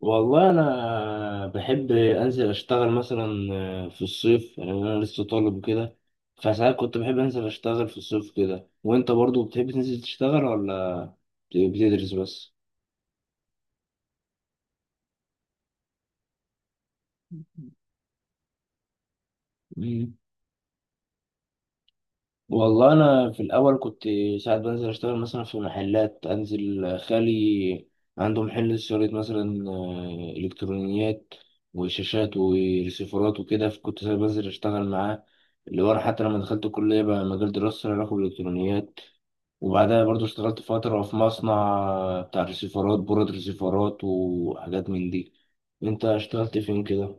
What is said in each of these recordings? والله انا بحب انزل اشتغل مثلا في الصيف يعني انا لسه طالب وكده. فساعات كنت بحب انزل اشتغل في الصيف كده. وانت برضو بتحب تنزل تشتغل ولا بتدرس بس؟ والله انا في الاول كنت ساعات بنزل اشتغل مثلا في محلات. انزل خالي عنده محل شريط مثلا الكترونيات وشاشات وريسيفرات وكده، فكنت ساعات بنزل اشتغل معاه اللي ورا. حتى لما دخلت الكليه بقى مجال دراستي له علاقه بالالكترونيات. وبعدها برضو اشتغلت فتره في مصنع بتاع ريسيفرات، بورد ريسيفرات وحاجات من دي. انت اشتغلت فين كده؟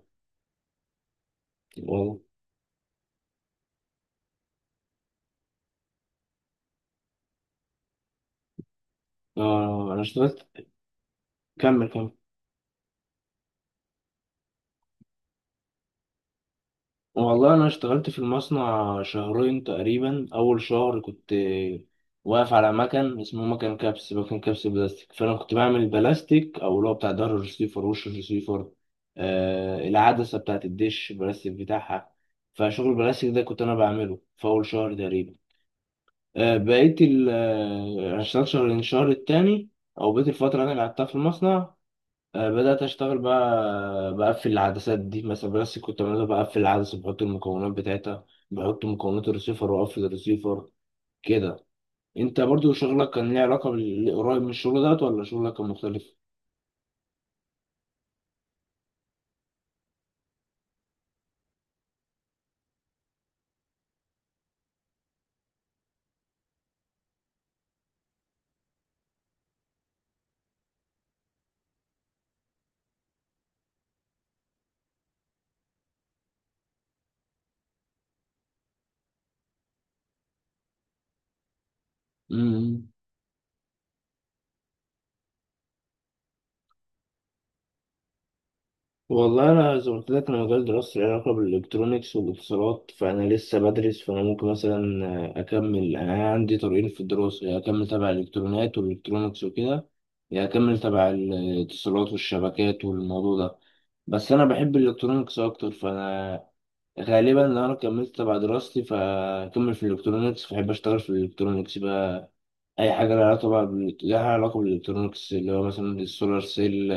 والله اه انا اشتغلت. كمل كمل. والله أنا اشتغلت في المصنع شهرين تقريبا. أول شهر كنت واقف على مكن اسمه مكن كبس، مكن كبس بلاستيك، فأنا كنت بعمل البلاستيك أو اللي هو بتاع ظهر الرسيفر، وش الرسيفر العدسة بتاعت الدش، البلاستيك بتاعها. فشغل البلاستيك ده كنت أنا بعمله في أول شهر تقريبا. آه بقيت ال آه، أنا اشتغلت شهرين. الشهر التاني أو بقيت الفترة اللي أنا قعدتها في المصنع بدأت أشتغل بقى بقفل العدسات دي مثلا. بس كنت بعملها بقفل العدسة، بحط المكونات بتاعتها، بحط مكونات الريسيفر وأقفل الريسيفر كده. أنت برضو شغلك كان ليه علاقة بالقريب من الشغل دوت، ولا شغلك كان مختلف؟ مم. والله انا زي ما قلت لك، انا مجال دراستي له علاقه بالالكترونيكس والاتصالات، فانا لسه بدرس. فانا ممكن مثلا اكمل. يعني انا عندي طريقين في الدراسه، يا اكمل تبع الالكترونيات والالكترونيكس وكده، يا اكمل تبع الاتصالات والشبكات والموضوع ده. بس انا بحب الالكترونيكس اكتر، فانا غالبا لو انا كملت تبع دراستي فاكمل في الالكترونيكس، فاحب اشتغل في الالكترونيكس بقى. اي حاجه لها علاقه بقى لها علاقه بالالكترونيكس، اللي هو مثلا السولار سيل،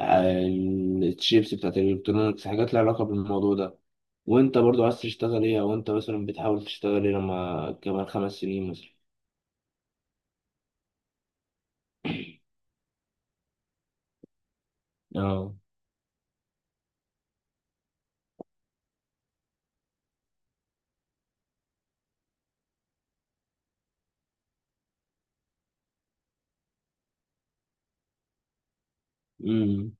عن الشيبس بتاعت الالكترونيكس، حاجات لها علاقة بالموضوع ده. وانت برضو عايز تشتغل ايه، او انت مثلا بتحاول تشتغل ايه لما كمان 5 سنين مثلا؟ اه. امم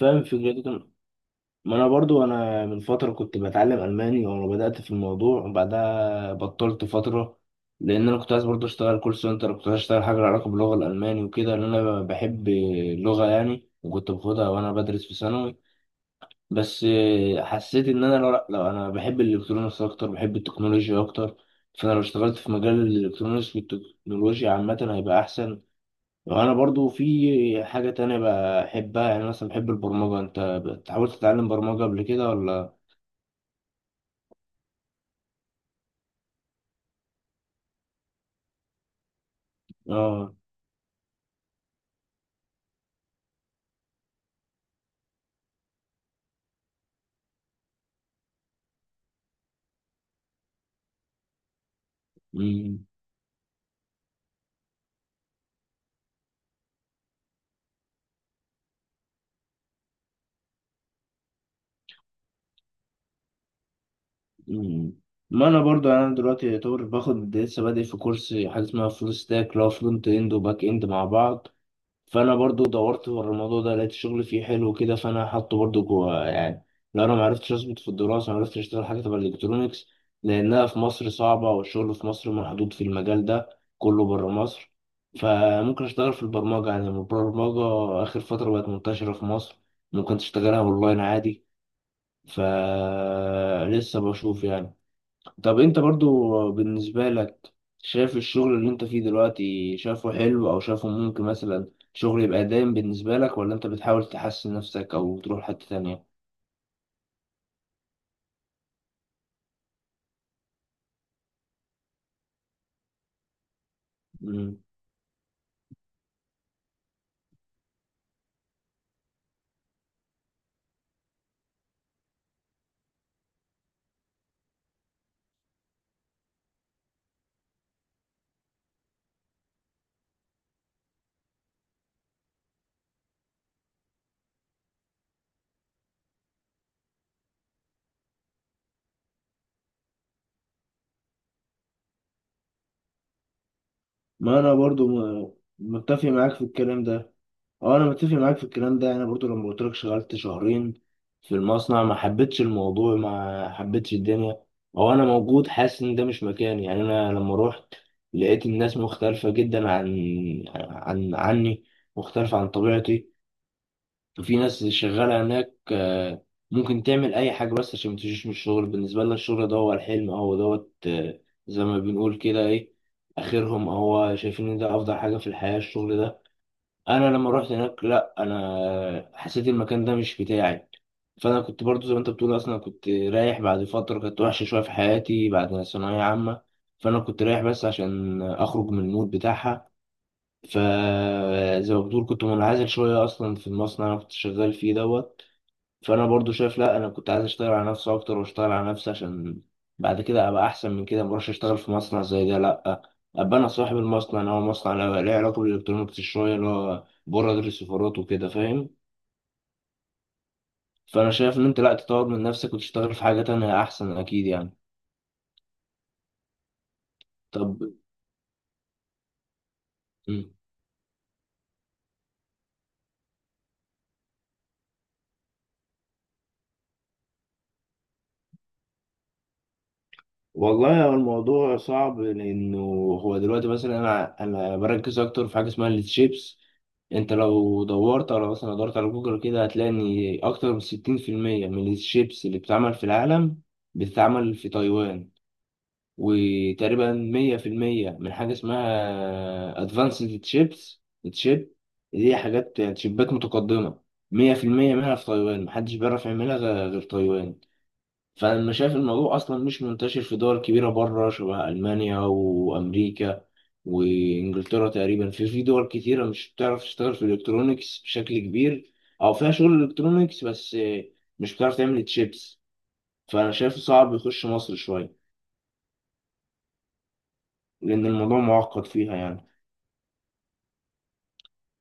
فاهم الفكرة دي كان. ما انا برضو انا من فترة كنت بتعلم الماني، وانا بدأت في الموضوع وبعدها بطلت فترة. لان انا كنت عايز برضو اشتغل كول سنتر، كنت عايز اشتغل حاجة لها علاقة باللغة الالماني وكده. لان انا بحب اللغة يعني، وكنت باخدها وانا بدرس في ثانوي. بس حسيت ان انا لو انا بحب الالكترونيكس اكتر، بحب التكنولوجيا اكتر. فانا لو اشتغلت في مجال الالكترونيكس والتكنولوجيا عامه هيبقى احسن. وانا برضو في حاجه تانية بحبها، يعني مثلا بحب البرمجه. انت حاولت تتعلم برمجه قبل كده ولا؟ اه. مم. مم. ما انا برضو يعني انا دلوقتي يعتبر باخد، لسه بادئ في كورس حاجه اسمها فول ستاك، اللي هو فرونت اند وباك اند مع بعض. فانا برضو دورت ورا الموضوع ده لقيت الشغل فيه حلو كده، فانا حاطه برضو جوه يعني. لو انا ما عرفتش اظبط في الدراسه، ما عرفتش اشتغل حاجه تبع الالكترونيكس، لانها في مصر صعبه، والشغل في مصر محدود في المجال ده، كله بره مصر. فممكن اشتغل في البرمجه، يعني البرمجه اخر فتره بقت منتشره في مصر، ممكن تشتغلها اونلاين عادي، فلسه بشوف يعني. طب انت برضو بالنسبة لك، شايف الشغل اللي انت فيه دلوقتي شايفه حلو، او شايفه ممكن مثلا شغل يبقى دايم بالنسبة لك، ولا انت بتحاول تحسن نفسك او تروح حتة تانية؟ مم. ما انا برضو متفق معاك في الكلام ده. اه انا متفق معاك في الكلام ده. انا برضو لما قلت لك شغلت شهرين في المصنع، ما حبيتش الموضوع، ما حبيتش الدنيا. هو انا موجود حاسس ان ده مش مكاني. يعني انا لما روحت لقيت الناس مختلفة جدا عن عني، مختلفة عن طبيعتي. وفي ناس شغالة هناك ممكن تعمل اي حاجة بس عشان ما تجيش من الشغل. بالنسبة لنا الشغل ده هو الحلم، هو دوت زي ما بنقول كده ايه اخرهم. هو شايفين ان ده افضل حاجة في الحياة الشغل ده. انا لما رحت هناك لا، انا حسيت المكان ده مش بتاعي. فانا كنت برضو زي ما انت بتقول، اصلا كنت رايح بعد فتره كانت وحشه شويه في حياتي بعد ثانويه عامه. فانا كنت رايح بس عشان اخرج من المود بتاعها. فزي ما بتقول كنت منعزل شويه اصلا في المصنع اللي انا كنت شغال فيه دوت. فانا برضو شايف لا، انا كنت عايز اشتغل على نفسي اكتر، واشتغل على نفسي عشان بعد كده ابقى احسن من كده. مبروحش اشتغل في مصنع زي ده، لا، ابقى انا صاحب المصنع، اللي هو مصنع له علاقه بالالكترونيكس شويه، اللي هو بره دي السفارات وكده فاهم؟ فانا شايف ان انت لا، تطور من نفسك وتشتغل في حاجه تانية احسن اكيد يعني. طب. مم. والله هو الموضوع صعب، لانه هو دلوقتي مثلا انا بركز اكتر في حاجه اسمها الشيبس. انت لو دورت على، مثلا دورت على جوجل كده، هتلاقي ان اكتر من 60% من الشيبس اللي بتتعمل في العالم بتتعمل في تايوان، وتقريبا 100% من حاجه اسمها ادفانسد تشيبس، تشيب، دي حاجات يعني تشيبات متقدمه، 100% منها في تايوان، محدش بيعرف يعملها غير تايوان. فأنا شايف الموضوع أصلا مش منتشر في دول كبيرة بره، شبه ألمانيا وأمريكا وإنجلترا. تقريبا في دول كتيرة مش بتعرف تشتغل في الإلكترونيكس بشكل كبير، أو فيها شغل إلكترونيكس بس مش بتعرف تعمل تشيبس. فأنا شايف صعب يخش مصر شوية، لأن الموضوع معقد فيها يعني.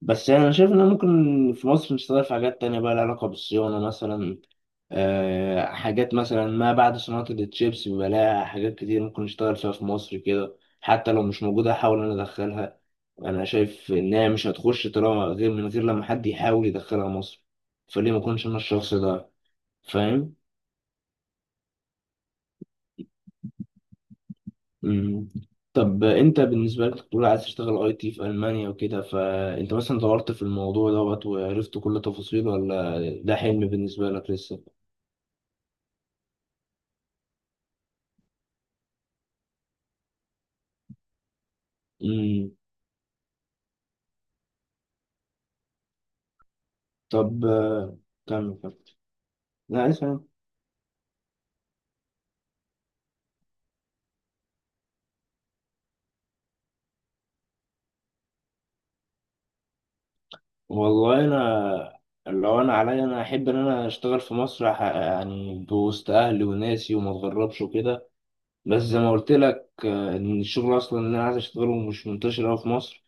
بس يعني أنا شايف إن ممكن في مصر نشتغل في حاجات تانية بقى لها علاقة بالصيانة مثلا. حاجات مثلا ما بعد صناعة التشيبس، بيبقى لها حاجات كتير ممكن نشتغل فيها في مصر كده، حتى لو مش موجودة أحاول أنا أدخلها. أنا شايف إنها مش هتخش طالما، غير من غير لما حد يحاول يدخلها مصر، فليه ما أكونش أنا الشخص ده؟ فاهم؟ مم. طب أنت بالنسبة لك تقول عايز تشتغل أي تي في ألمانيا وكده، فأنت مثلا دورت في الموضوع دوت وعرفت كل تفاصيله، ولا ده حلم بالنسبة لك لسه؟ مم. طب كمل كمل. لا اسمع. والله انا لو انا عليا انا احب ان انا اشتغل في مصر يعني بوسط اهلي وناسي وما اتغربش وكده. بس زي ما قلت لك ان الشغل اصلا اللي انا عايز اشتغله مش منتشر قوي في مصر.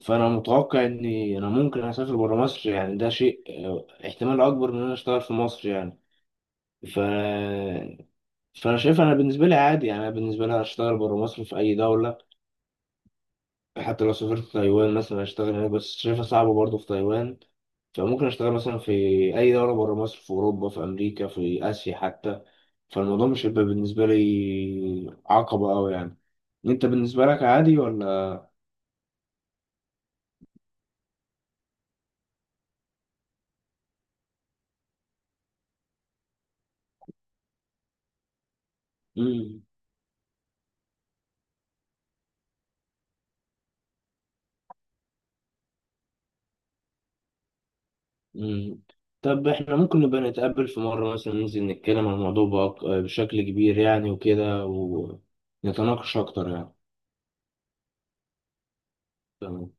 فانا متوقع اني انا ممكن اسافر بره مصر، يعني ده شيء احتمال اكبر من ان انا اشتغل في مصر يعني. ف فانا شايف انا بالنسبه لي عادي يعني، انا بالنسبه لي اشتغل بره مصر في اي دوله. حتى لو سافرت تايوان مثلا اشتغل هناك، بس شايفها صعبه برضه في تايوان. فممكن اشتغل مثلا في اي دوله بره مصر، في اوروبا في امريكا في اسيا حتى. فالموضوع مش هيبقى بالنسبه لي عقبه قوي يعني. انت بالنسبه لك عادي ولا؟ مم. مم. طب احنا ممكن نبقى نتقابل في مره مثلا، ننزل نتكلم عن الموضوع بشكل كبير يعني وكده، ونتناقش اكتر يعني. تمام.